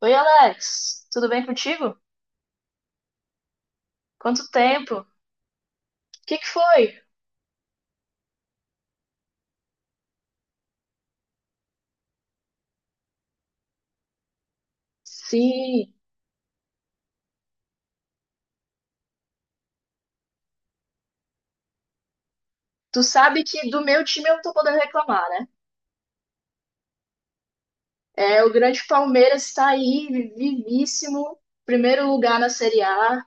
Oi, Alex, tudo bem contigo? Quanto tempo? O que que foi? Sim, tu sabe que do meu time eu não tô podendo reclamar, né? É, o grande Palmeiras está aí, vivíssimo, primeiro lugar na Série A.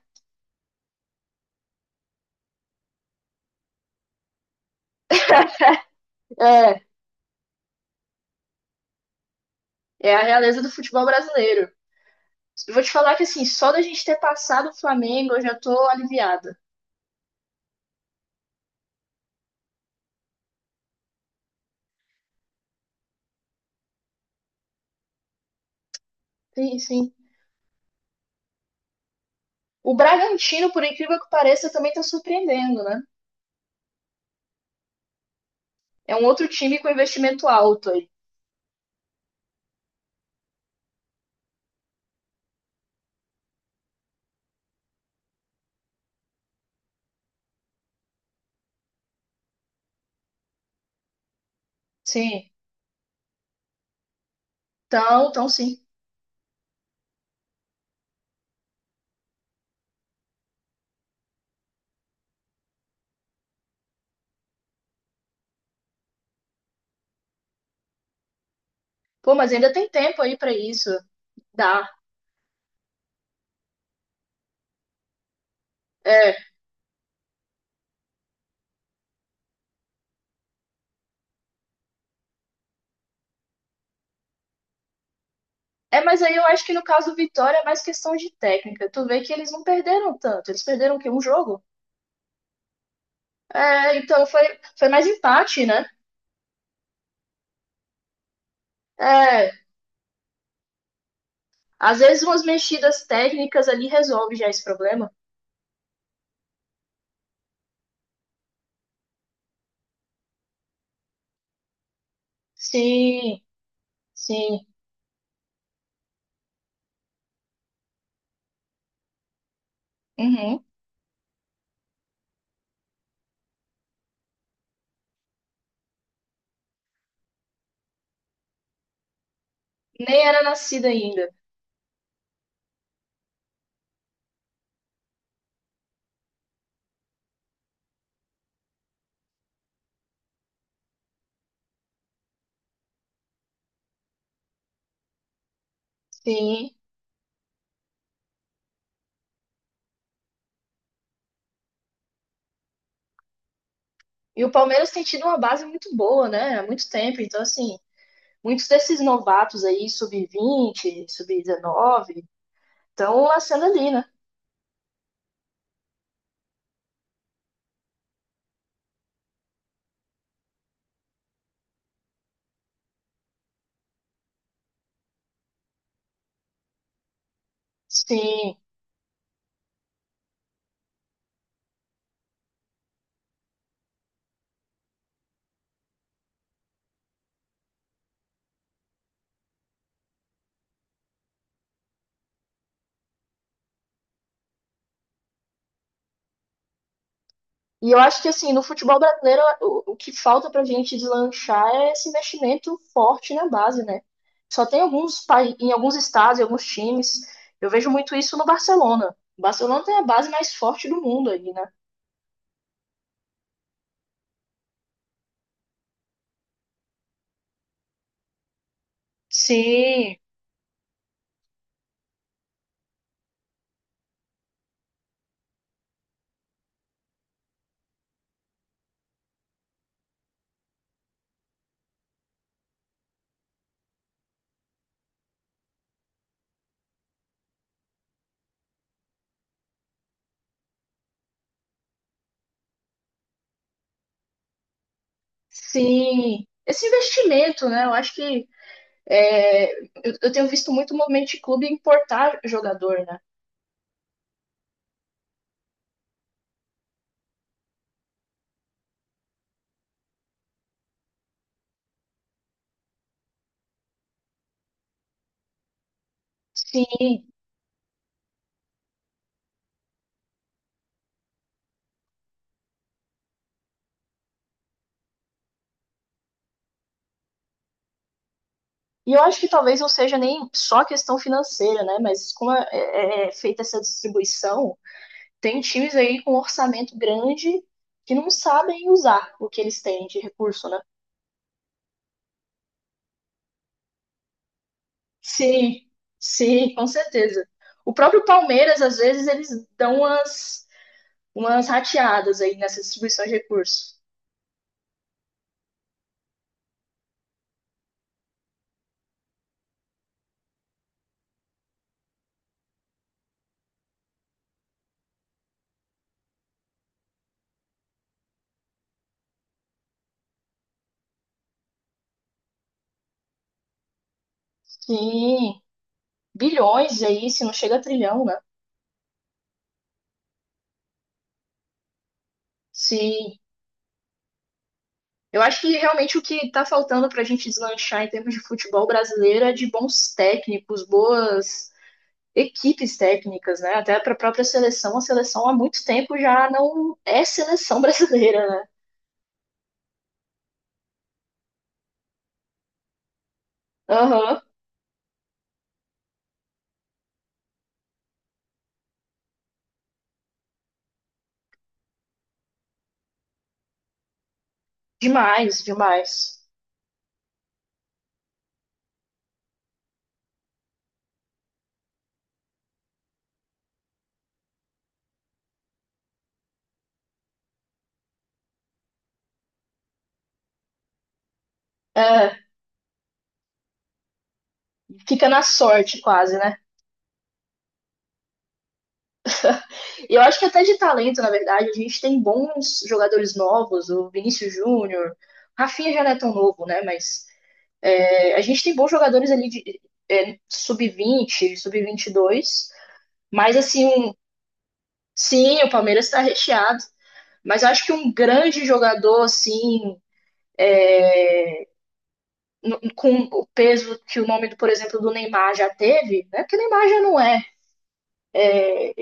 É, é a realeza do futebol brasileiro. Eu vou te falar que, assim, só da gente ter passado o Flamengo eu já tô aliviada. Sim, sim. O Bragantino, por incrível que pareça, também tá surpreendendo, né? É um outro time com investimento alto aí. Sim, então, então sim. Pô, mas ainda tem tempo aí pra isso. Dá. É. É, mas aí eu acho que no caso do Vitória é mais questão de técnica. Tu vê que eles não perderam tanto. Eles perderam o quê? Um jogo? É, então foi, foi mais empate, né? É. Às vezes umas mexidas técnicas ali resolve já esse problema. Sim, sim. Uhum. Nem era nascida ainda. Sim. E o Palmeiras tem tido uma base muito boa, né? Há muito tempo. Então, assim, muitos desses novatos aí, sub-20, sub-19, estão nascendo ali, né? Sim. E eu acho que assim, no futebol brasileiro, o que falta pra gente deslanchar é esse investimento forte na base, né? Só tem alguns pai- em alguns estados, em alguns times. Eu vejo muito isso no Barcelona. O Barcelona tem a base mais forte do mundo ali, né? Sim, sim. Esse investimento, né? Eu acho que é, eu tenho visto muito movimento de clube importar jogador, né? Sim. E eu acho que talvez não seja nem só questão financeira, né? Mas como é feita essa distribuição, tem times aí com um orçamento grande que não sabem usar o que eles têm de recurso, né? Sim, sim, com certeza. O próprio Palmeiras, às vezes, eles dão umas, umas rateadas aí nessa distribuição de recursos. Sim, bilhões aí, se não chega a trilhão, né? Sim, eu acho que realmente o que está faltando para a gente deslanchar em termos de futebol brasileiro é de bons técnicos, boas equipes técnicas, né? Até para a própria seleção, a seleção há muito tempo já não é seleção brasileira, né? Aham, demais, demais. É, fica na sorte quase, né? E eu acho que até de talento, na verdade, a gente tem bons jogadores novos, o Vinícius Júnior, Rafinha já não é tão novo, né? Mas é, a gente tem bons jogadores ali de é, sub vinte e dois, mas assim, um, sim, o Palmeiras está recheado, mas acho que um grande jogador, assim, no, com o peso que o nome, do, por exemplo, do Neymar já teve, né? Porque o Neymar já não é,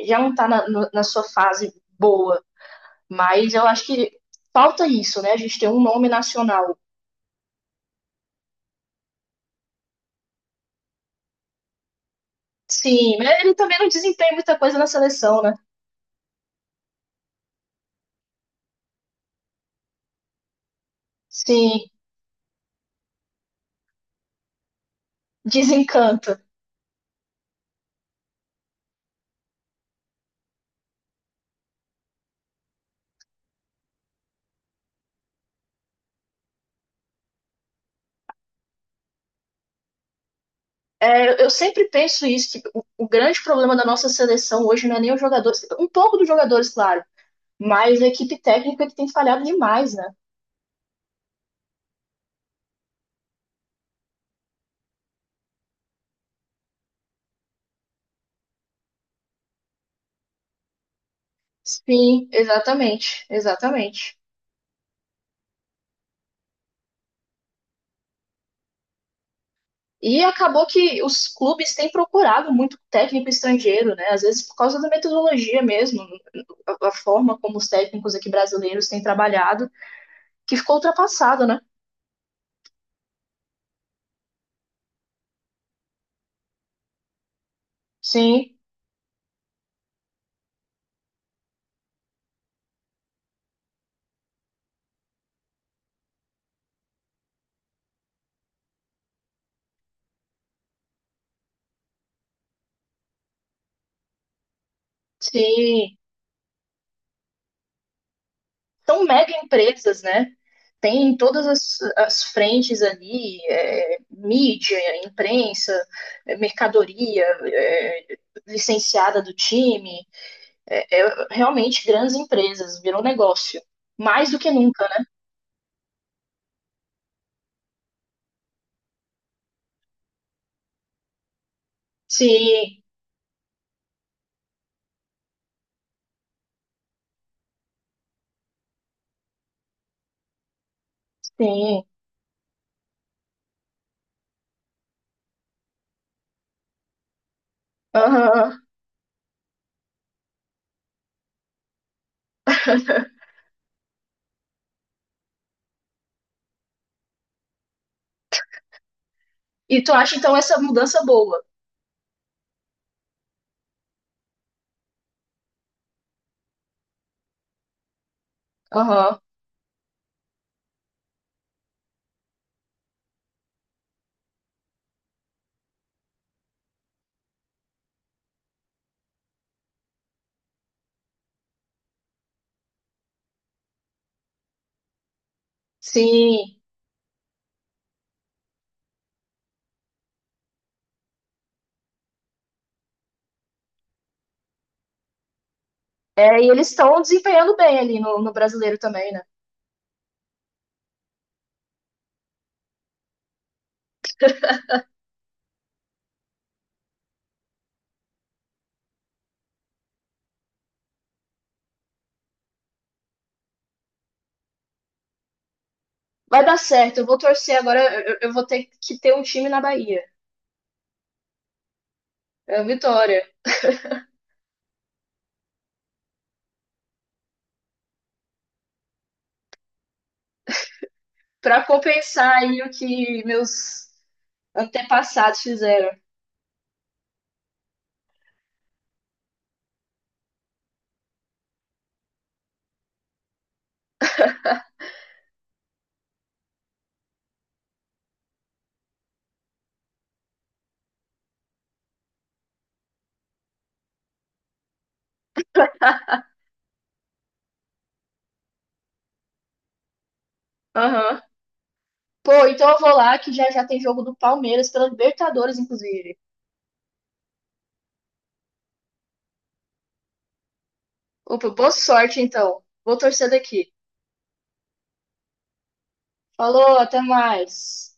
já não está na, no, na sua fase boa, mas eu acho que falta isso, né? A gente tem um nome nacional. Sim, mas ele também não desempenha muita coisa na seleção, né? Sim, desencanto. Eu sempre penso isso, que o grande problema da nossa seleção hoje não é nem os jogadores, um pouco dos jogadores, claro, mas a equipe técnica que tem falhado demais, né? Sim, exatamente, exatamente. E acabou que os clubes têm procurado muito técnico estrangeiro, né? Às vezes por causa da metodologia mesmo, a forma como os técnicos aqui brasileiros têm trabalhado, que ficou ultrapassado, né? Sim, sim. São mega empresas, né? Tem todas as frentes ali, é, mídia, imprensa, é, mercadoria, é, licenciada do time, é, realmente grandes empresas, virou negócio. Mais do que nunca, né? Sim, sim. Aham. E tu acha então essa mudança boa? Aham. Sim. É, e eles estão desempenhando bem ali no, no brasileiro também, né? Vai dar certo, eu vou torcer agora, eu vou ter que ter um time na Bahia. É a Vitória. Pra compensar aí o que meus antepassados fizeram. Aham. Pô, então eu vou lá que já já tem jogo do Palmeiras pela Libertadores, inclusive. Opa, boa sorte então. Vou torcer daqui. Falou, até mais.